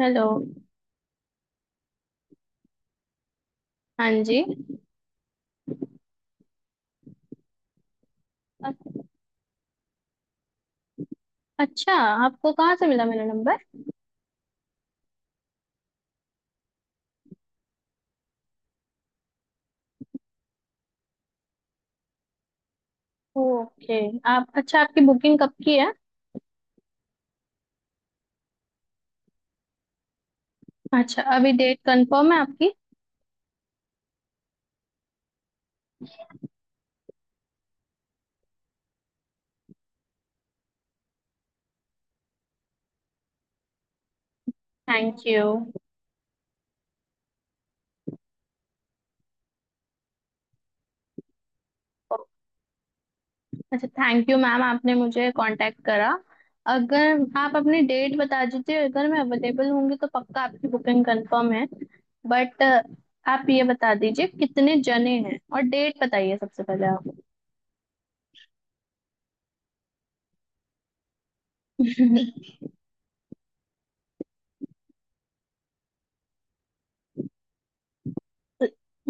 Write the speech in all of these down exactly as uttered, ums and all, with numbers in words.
Hello. हाँ जी। अ- अच्छा, आपको कहाँ से मिला मेरा नंबर? ओके। आप अच्छा, आपकी बुकिंग कब की है? अच्छा, अभी डेट कंफर्म है आपकी? Thank you. अच्छा, थैंक यू मैम, आपने मुझे कांटेक्ट करा। अगर आप अपनी डेट बता दीजिए, अगर मैं अवेलेबल होंगी तो पक्का आपकी बुकिंग कंफर्म है। बट आप ये बता दीजिए कितने जने हैं, और डेट बताइए सबसे पहले आप।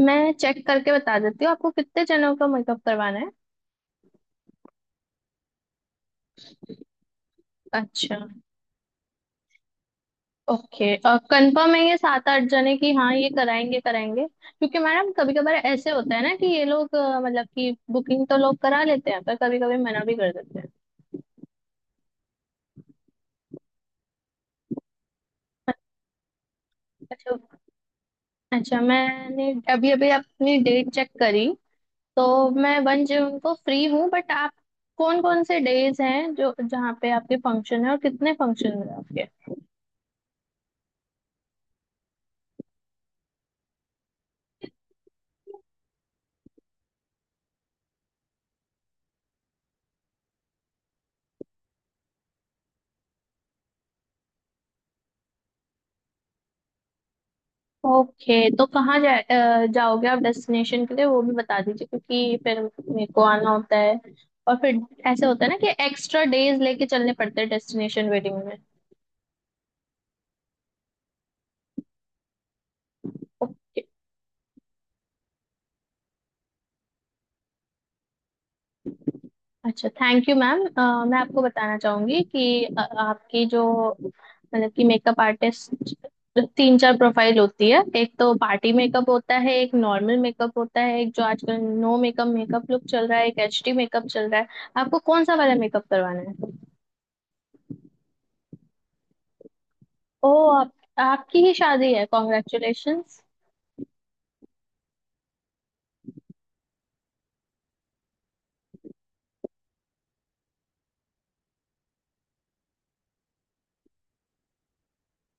मैं चेक करके बता देती हूँ आपको कितने जनों का मेकअप करवाना है। अच्छा। ओके। कंफर्म है ये सात आठ जने की? हाँ, ये कराएंगे कराएंगे, क्योंकि मैडम कभी कभार ऐसे होता है ना कि ये लोग अ, मतलब कि बुकिंग तो लोग करा लेते हैं, पर कभी कभी मना भी कर देते हैं। अच्छा। अच्छा, मैंने अभी अभी अपनी डेट चेक करी, तो मैं वन जून को फ्री हूँ। बट आप, कौन कौन से डेज हैं जो, जहाँ पे आपके फंक्शन है और कितने फंक्शन है आपके? ओके। तो कहाँ जा, अ, जाओगे आप डेस्टिनेशन के लिए, वो भी बता दीजिए, क्योंकि फिर मेरे को आना होता है। और फिर ऐसे होता है ना कि एक्स्ट्रा डेज लेके चलने पड़ते हैं डेस्टिनेशन वेडिंग में। ओके। अच्छा, थैंक यू मैम। अ, मैं आपको बताना चाहूंगी कि अ, आपकी जो, मतलब कि मेकअप आर्टिस्ट तीन चार प्रोफाइल होती है। एक तो पार्टी मेकअप होता है, एक नॉर्मल मेकअप होता है, एक जो आजकल नो मेकअप मेकअप लुक चल रहा है, एक एचडी मेकअप चल रहा है। आपको कौन सा वाला मेकअप करवाना है? ओ आप आपकी ही शादी है? कॉन्ग्रेचुलेशंस।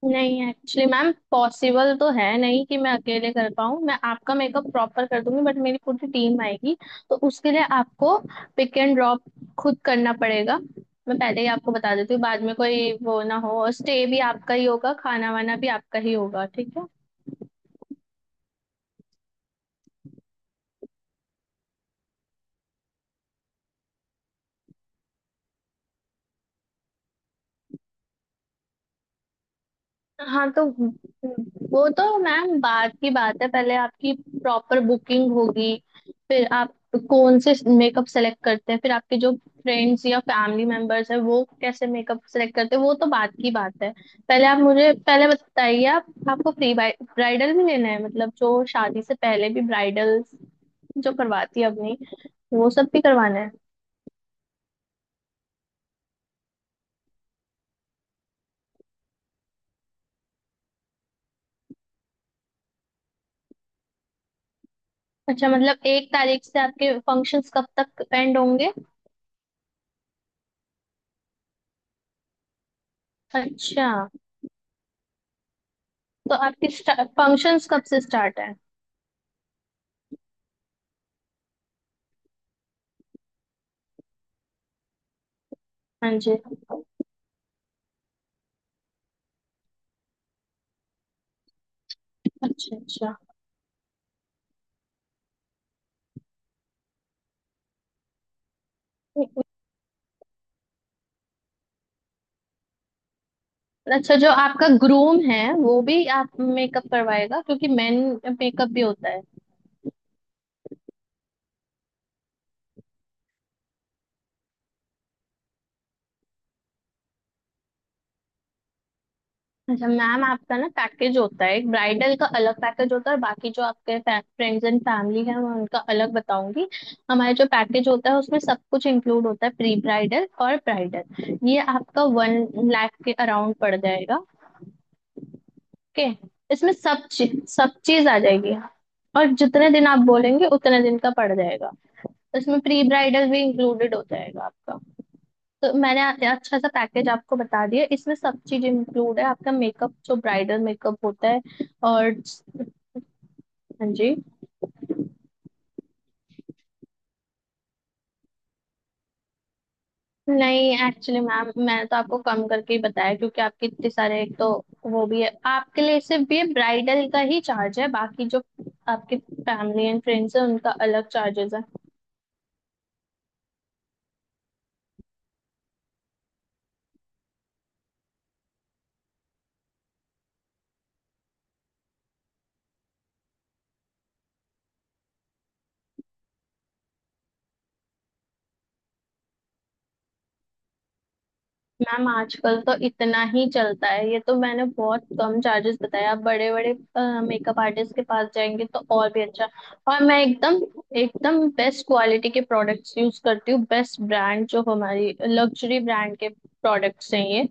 नहीं, एक्चुअली मैम पॉसिबल तो है नहीं कि मैं अकेले कर पाऊँ। मैं आपका मेकअप प्रॉपर कर दूंगी, बट मेरी पूरी टीम आएगी। तो उसके लिए आपको पिक एंड ड्रॉप खुद करना पड़ेगा। मैं पहले ही आपको बता देती हूँ, बाद में कोई वो ना हो, और स्टे भी आपका ही होगा, खाना वाना भी आपका ही होगा, ठीक है? हाँ, तो वो तो मैम बात की बात है, पहले आपकी प्रॉपर बुकिंग होगी, फिर आप कौन से मेकअप सेलेक्ट करते हैं, फिर आपके जो फ्रेंड्स या फैमिली मेंबर्स है, वो कैसे मेकअप सेलेक्ट करते हैं, वो तो बात की बात है। पहले आप मुझे पहले बताइए, आप आपको प्री ब्राइडल भी लेना है, मतलब जो शादी से पहले भी ब्राइडल जो करवाती है अपनी, वो सब भी करवाना है? अच्छा, मतलब एक तारीख से आपके फंक्शंस कब तक एंड होंगे? अच्छा, तो आपकी फंक्शंस कब से स्टार्ट है? हाँ जी। अच्छा। अच्छा। अच्छा, जो आपका ग्रूम है वो भी आप मेकअप करवाएगा, क्योंकि मेन मेकअप भी होता है। अच्छा मैम, आपका ना पैकेज होता है, एक ब्राइडल का अलग पैकेज होता है, और बाकी जो आपके फ्रेंड्स एंड फैमिली है, मैं उनका अलग बताऊंगी। हमारा जो पैकेज होता है उसमें सब कुछ इंक्लूड होता है, प्री ब्राइडल और ब्राइडल। ये आपका वन लाख के अराउंड पड़ जाएगा। ओके, इसमें सब चीज सब चीज आ जाएगी, और जितने दिन आप बोलेंगे उतने दिन का पड़ जाएगा। तो इसमें प्री ब्राइडल भी इंक्लूडेड हो जाएगा आपका। तो मैंने आ- अच्छा सा पैकेज आपको बता दिया, इसमें सब चीज इंक्लूड है, आपका मेकअप जो ब्राइडल मेकअप होता है। और, हाँ जी। नहीं, एक्चुअली मैम मैंने तो आपको कम करके ही बताया, क्योंकि आपके इतने सारे, एक तो वो भी है, आपके लिए सिर्फ ये ब्राइडल का ही चार्ज है, बाकी जो आपके फैमिली एंड फ्रेंड्स है उनका अलग चार्जेस है। मैम, आजकल तो इतना ही चलता है, ये तो मैंने बहुत कम चार्जेस बताया। आप बड़े बड़े मेकअप आर्टिस्ट के पास जाएंगे तो और भी अच्छा। और मैं एकदम एकदम बेस्ट क्वालिटी के प्रोडक्ट्स यूज करती हूँ, बेस्ट ब्रांड, जो हमारी लग्जरी ब्रांड के प्रोडक्ट्स हैं ये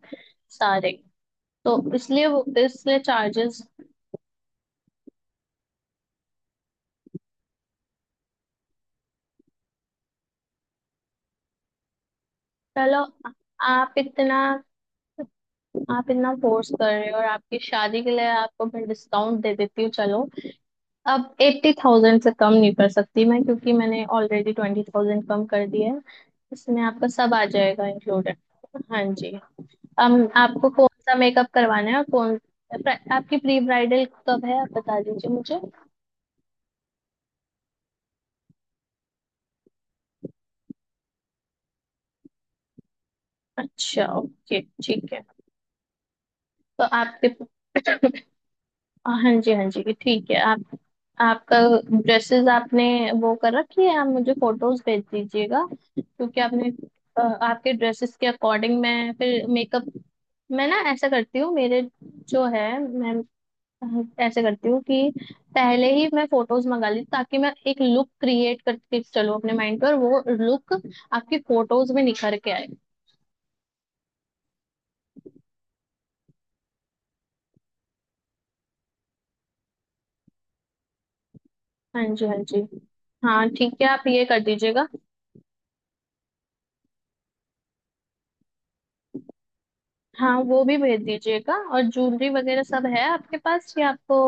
सारे। तो इसलिए वो, इसलिए चार्जेस। चलो, आप इतना, आप इतना फोर्स कर रहे हो, और आपकी शादी के लिए आपको मैं डिस्काउंट दे देती हूँ, चलो। अब एट्टी थाउजेंड से कम नहीं कर सकती मैं, क्योंकि मैंने ऑलरेडी ट्वेंटी थाउजेंड कम कर दिया है। इसमें आपका सब आ जाएगा इंक्लूडेड। हाँ जी। अब आपको कौन सा मेकअप करवाना है, और कौन, आपकी प्री ब्राइडल कब है आप बता दीजिए मुझे। अच्छा ओके, ठीक है। तो आपके हाँ जी हाँ जी, ठीक है। आप, आपका ड्रेसेस आपने वो कर रखी है, आप मुझे फोटोज भेज दीजिएगा, क्योंकि आपने, अ, आपके ड्रेसेस के अकॉर्डिंग मैं फिर मेकअप, मैं ना ऐसा करती हूँ, मेरे जो है मैं अ, ऐसे करती हूँ कि पहले ही मैं फोटोज मंगा ली, ताकि मैं एक लुक क्रिएट करके चलूँ, अपने माइंड पर वो लुक आपकी फोटोज में निखर के आए। हाँ जी हाँ जी। हाँ ठीक है, आप ये कर दीजिएगा। हाँ वो भी भेज दीजिएगा, और ज्वेलरी वगैरह सब है आपके पास या आपको?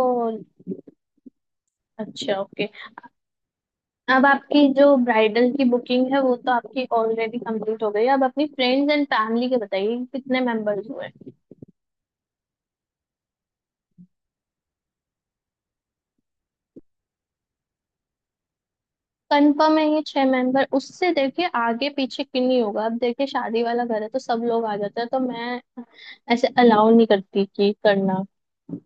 अच्छा ओके। अब आपकी जो ब्राइडल की बुकिंग है वो तो आपकी ऑलरेडी कंप्लीट हो गई, अब अपनी फ्रेंड्स एंड फैमिली के बताइए कि कितने मेंबर्स हुए। कंफर्म है ये छह मेंबर, उससे देखिए आगे पीछे किन्हीं नहीं होगा, अब देखिए शादी वाला घर है तो सब लोग आ जाते हैं, तो मैं ऐसे अलाउ नहीं करती कि करना,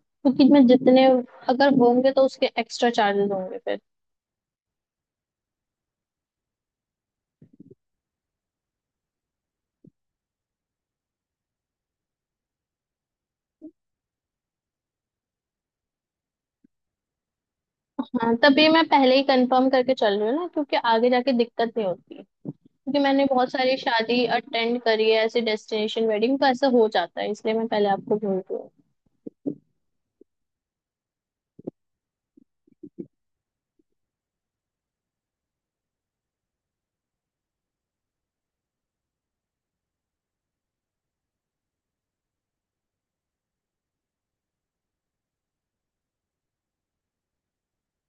क्योंकि मैं जितने अगर होंगे तो उसके एक्स्ट्रा चार्जेस होंगे। हाँ, तभी मैं पहले ही कंफर्म करके चल रही हूँ ना, क्योंकि आगे जाके दिक्कत नहीं होती, क्योंकि मैंने बहुत सारी शादी अटेंड करी है, ऐसे डेस्टिनेशन वेडिंग तो ऐसा हो जाता है, इसलिए मैं पहले आपको बोल रही हूँ।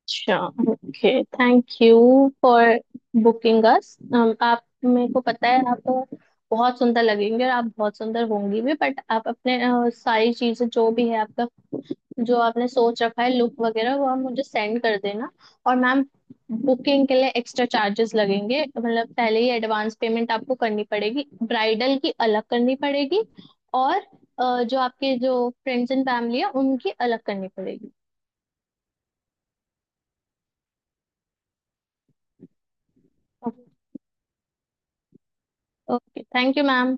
अच्छा okay. Thank you for booking us. आप, मेरे को पता है आप बहुत सुंदर लगेंगे, और आप बहुत सुंदर होंगी भी, बट आप अपने, अ, सारी चीजें जो भी है आपका, जो आपने सोच रखा है लुक वगैरह, वो आप मुझे सेंड कर देना। और मैम, बुकिंग के लिए एक्स्ट्रा चार्जेस लगेंगे, मतलब पहले ही एडवांस पेमेंट आपको करनी पड़ेगी, ब्राइडल की अलग करनी पड़ेगी, और अ, जो आपके जो फ्रेंड्स एंड फैमिली है उनकी अलग करनी पड़ेगी। Okay thank you ma'am.